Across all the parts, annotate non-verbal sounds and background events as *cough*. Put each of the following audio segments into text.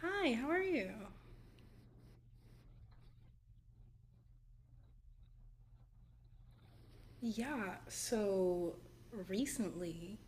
Hi, how are you? Yeah, so recently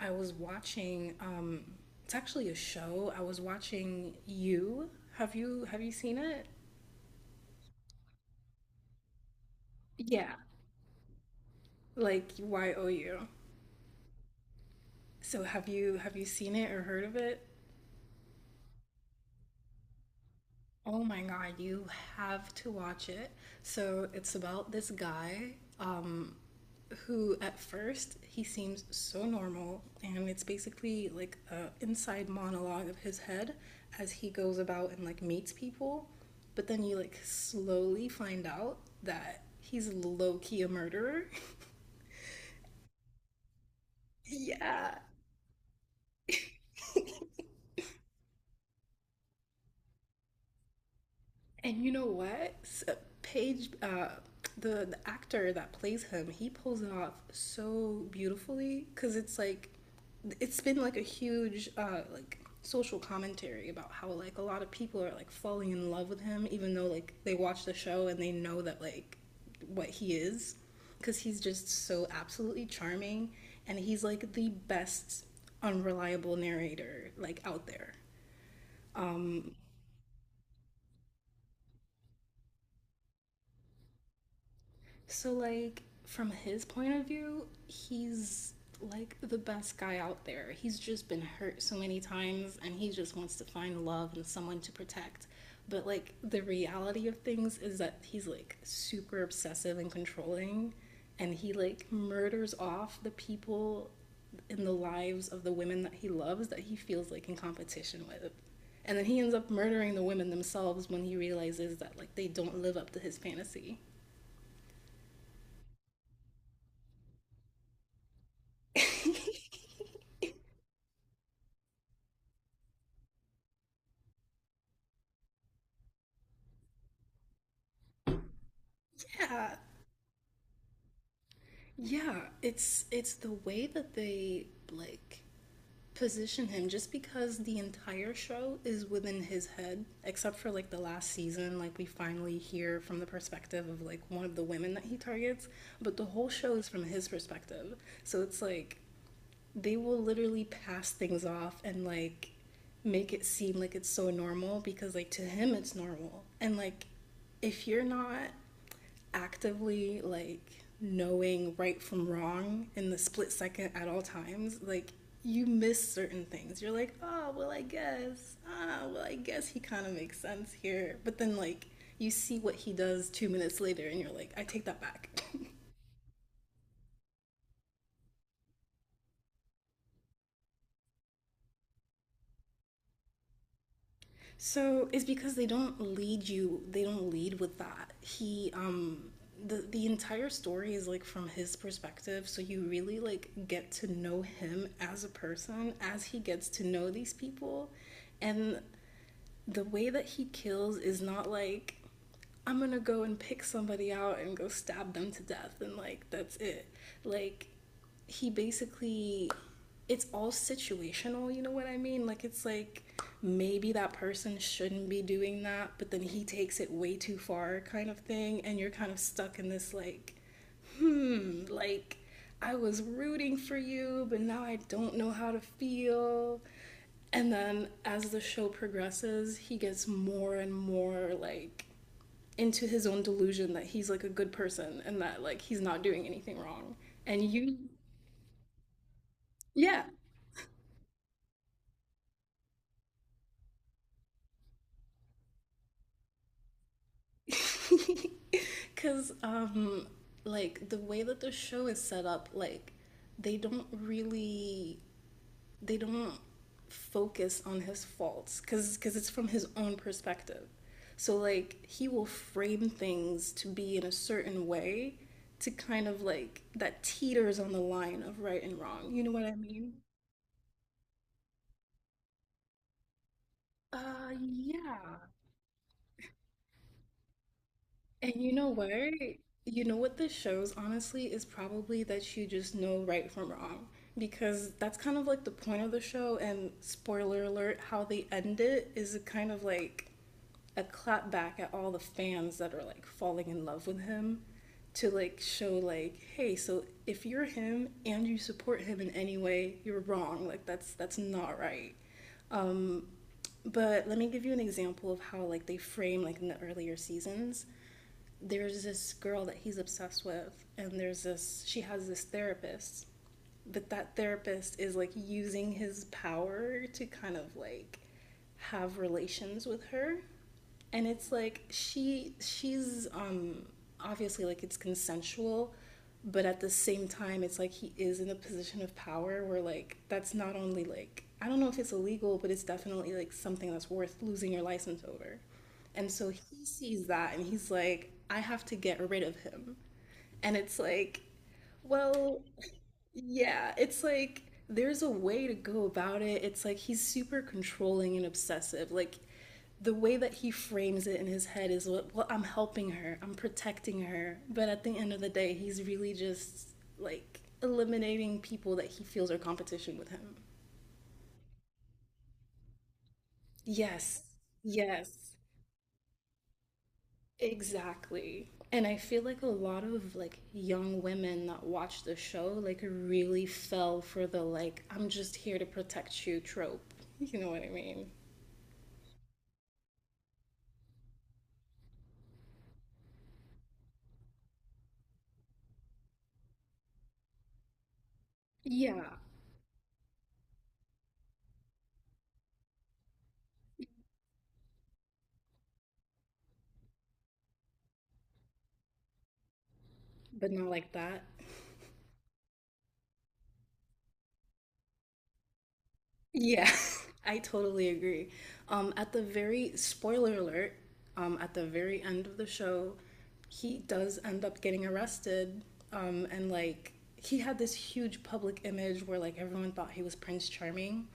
I was watching it's actually a show. I was watching You. Have you seen it? Yeah, like YOU. So have you seen it or heard of it? Oh my God, you have to watch it. So it's about this guy um, who, at first, he seems so normal, and it's basically like a inside monologue of his head as he goes about and like meets people. But then you like slowly find out that he's low key a murderer. *laughs* Yeah. And you know what? Paige, the actor that plays him, he pulls it off so beautifully because it's like, it's been like a huge, like, social commentary about how like a lot of people are like falling in love with him even though like they watch the show and they know that like what he is because he's just so absolutely charming and he's like the best unreliable narrator like out there. So, like, from his point of view, he's like the best guy out there. He's just been hurt so many times and he just wants to find love and someone to protect. But, like, the reality of things is that he's like super obsessive and controlling and he like murders off the people in the lives of the women that he loves that he feels like in competition with. And then he ends up murdering the women themselves when he realizes that like they don't live up to his fantasy. Yeah, yeah, it's the way that they like position him just because the entire show is within his head except for like the last season, like we finally hear from the perspective of like one of the women that he targets, but the whole show is from his perspective, so it's like they will literally pass things off and like make it seem like it's so normal because like to him it's normal. And like if you're not actively like knowing right from wrong in the split second at all times, like you miss certain things. You're like, oh, well, I guess, ah, well, I guess he kind of makes sense here. But then, like, you see what he does 2 minutes later, and you're like, I take that back. *laughs* So it's because they don't lead you. They don't lead with that. He the entire story is like from his perspective, so you really like get to know him as a person as he gets to know these people, and the way that he kills is not like, I'm gonna go and pick somebody out and go stab them to death and like that's it. Like he basically it's all situational, you know what I mean? Like it's like maybe that person shouldn't be doing that, but then he takes it way too far kind of thing, and you're kind of stuck in this like, hmm, like I was rooting for you, but now I don't know how to feel. And then as the show progresses, he gets more and more like into his own delusion that he's like a good person and that like he's not doing anything wrong. And you, yeah. *laughs* Because, like, the way that the show is set up, like, they don't really they don't focus on his faults because it's from his own perspective. So like he will frame things to be in a certain way to kind of like that teeters on the line of right and wrong. You know what I mean? Yeah. And you know what? You know what this shows, honestly, is probably that you just know right from wrong. Because that's kind of like the point of the show, and spoiler alert, how they end it is a kind of like a clap back at all the fans that are like falling in love with him, to like show like, hey, so if you're him and you support him in any way, you're wrong. Like that's not right. Um, but let me give you an example of how like they frame like in the earlier seasons. There's this girl that he's obsessed with, and there's this, she has this therapist, but that therapist is like using his power to kind of like have relations with her. And it's like she's obviously like it's consensual, but at the same time it's like he is in a position of power where like that's not only like, I don't know if it's illegal, but it's definitely like something that's worth losing your license over. And so he sees that and he's like, I have to get rid of him. And it's like, well, yeah, it's like there's a way to go about it. It's like he's super controlling and obsessive. Like the way that he frames it in his head is what, well, I'm helping her, I'm protecting her. But at the end of the day, he's really just like eliminating people that he feels are competition with him. Yes, yes. Exactly. And I feel like a lot of like young women that watch the show like really fell for the like I'm just here to protect you trope. You know what I mean? Yeah, but not like that. Yeah, *laughs* I totally agree. At the very spoiler alert, at the very end of the show, he does end up getting arrested. And like he had this huge public image where like everyone thought he was Prince Charming.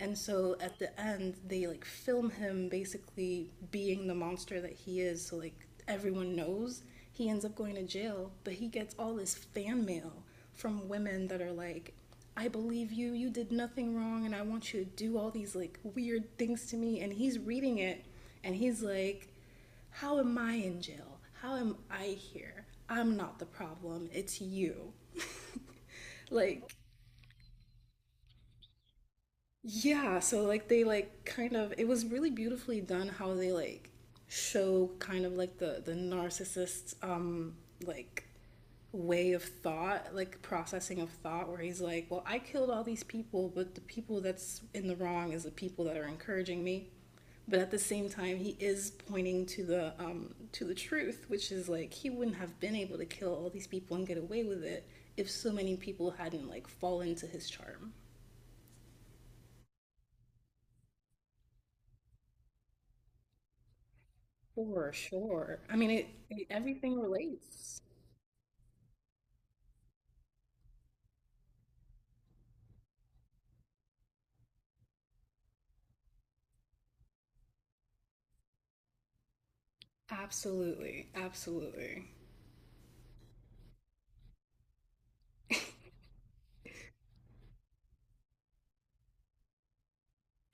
And so at the end, they like film him basically being the monster that he is. So like everyone knows he ends up going to jail, but he gets all this fan mail from women that are like, I believe you, you did nothing wrong, and I want you to do all these like weird things to me. And he's reading it and he's like, how am I in jail? How am I here? I'm not the problem, it's you. *laughs* Like, yeah, so like they like kind of it was really beautifully done how they like show kind of like the narcissist's like way of thought, like processing of thought, where he's like, "Well, I killed all these people, but the people that's in the wrong is the people that are encouraging me." But at the same time, he is pointing to the truth, which is like he wouldn't have been able to kill all these people and get away with it if so many people hadn't like fallen to his charm. For sure. I mean, it everything relates. Absolutely, absolutely.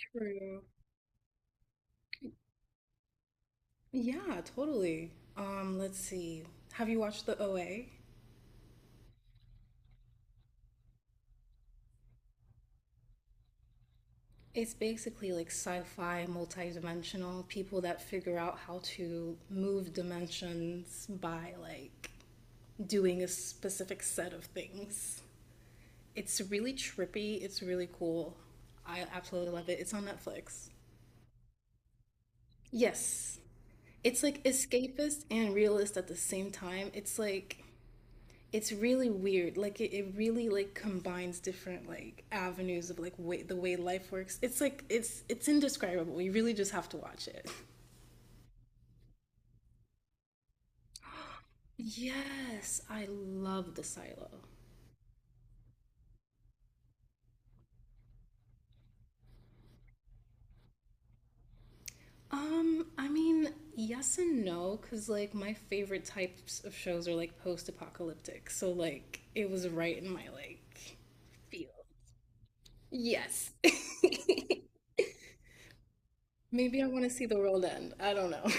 True. Yeah, totally. Let's see. Have you watched The OA? It's basically like sci-fi, multi-dimensional people that figure out how to move dimensions by like doing a specific set of things. It's really trippy, it's really cool. I absolutely love it. It's on Netflix. Yes, it's like escapist and realist at the same time. It's like it's really weird. Like it really like combines different like avenues of like way the way life works. It's like it's indescribable. You really just have to watch it. Yes, I love the silo. I mean, yes and no, because like my favorite types of shows are like post-apocalyptic. So like it was right in my like feel. Yes. *laughs* Maybe I want to see the world end. I don't know. *laughs*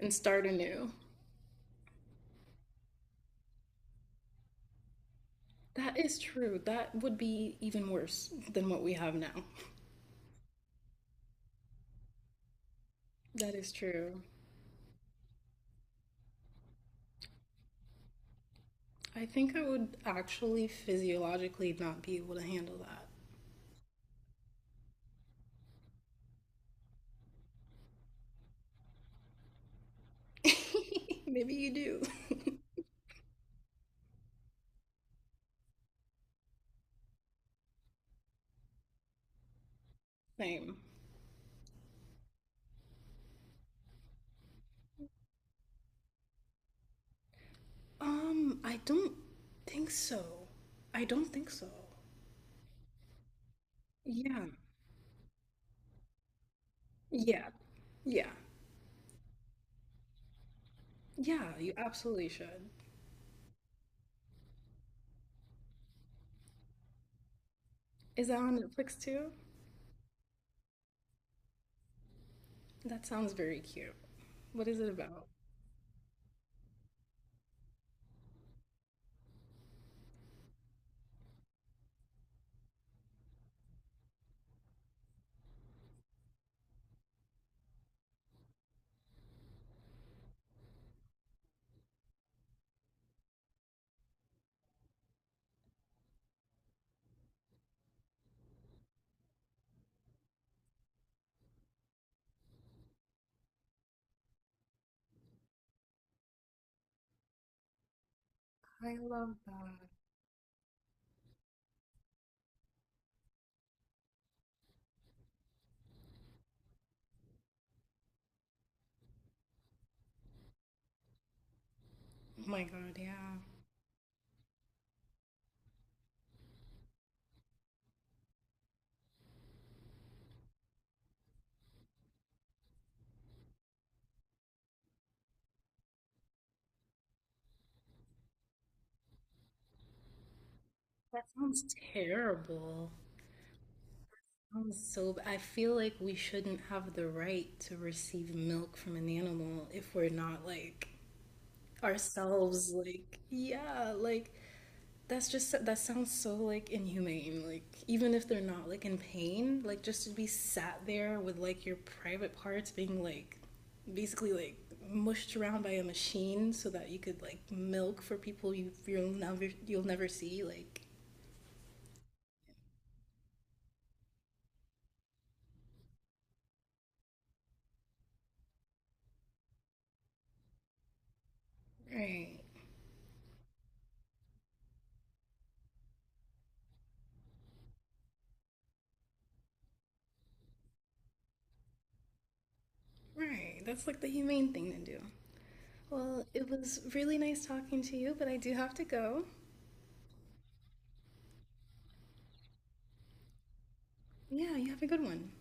And start anew. That is true. That would be even worse than what we have now. That is true. I think I would actually physiologically not be able to handle that. *laughs* Maybe you do. *laughs* Same. I don't think so. I don't think so. Yeah. Yeah. Yeah. Yeah, you absolutely should. Is that on Netflix too? That sounds very cute. What is it about? I love that. Oh my God, yeah. That sounds terrible. Sounds so b- I feel like we shouldn't have the right to receive milk from an animal if we're not like ourselves like, yeah, like that's just that sounds so like inhumane. Like even if they're not like in pain, like just to be sat there with like your private parts being like basically like mushed around by a machine so that you could like milk for people you'll never you'll never see like, right. Right. That's like the humane thing to do. Well, it was really nice talking to you, but I do have to go. Yeah, you have a good one.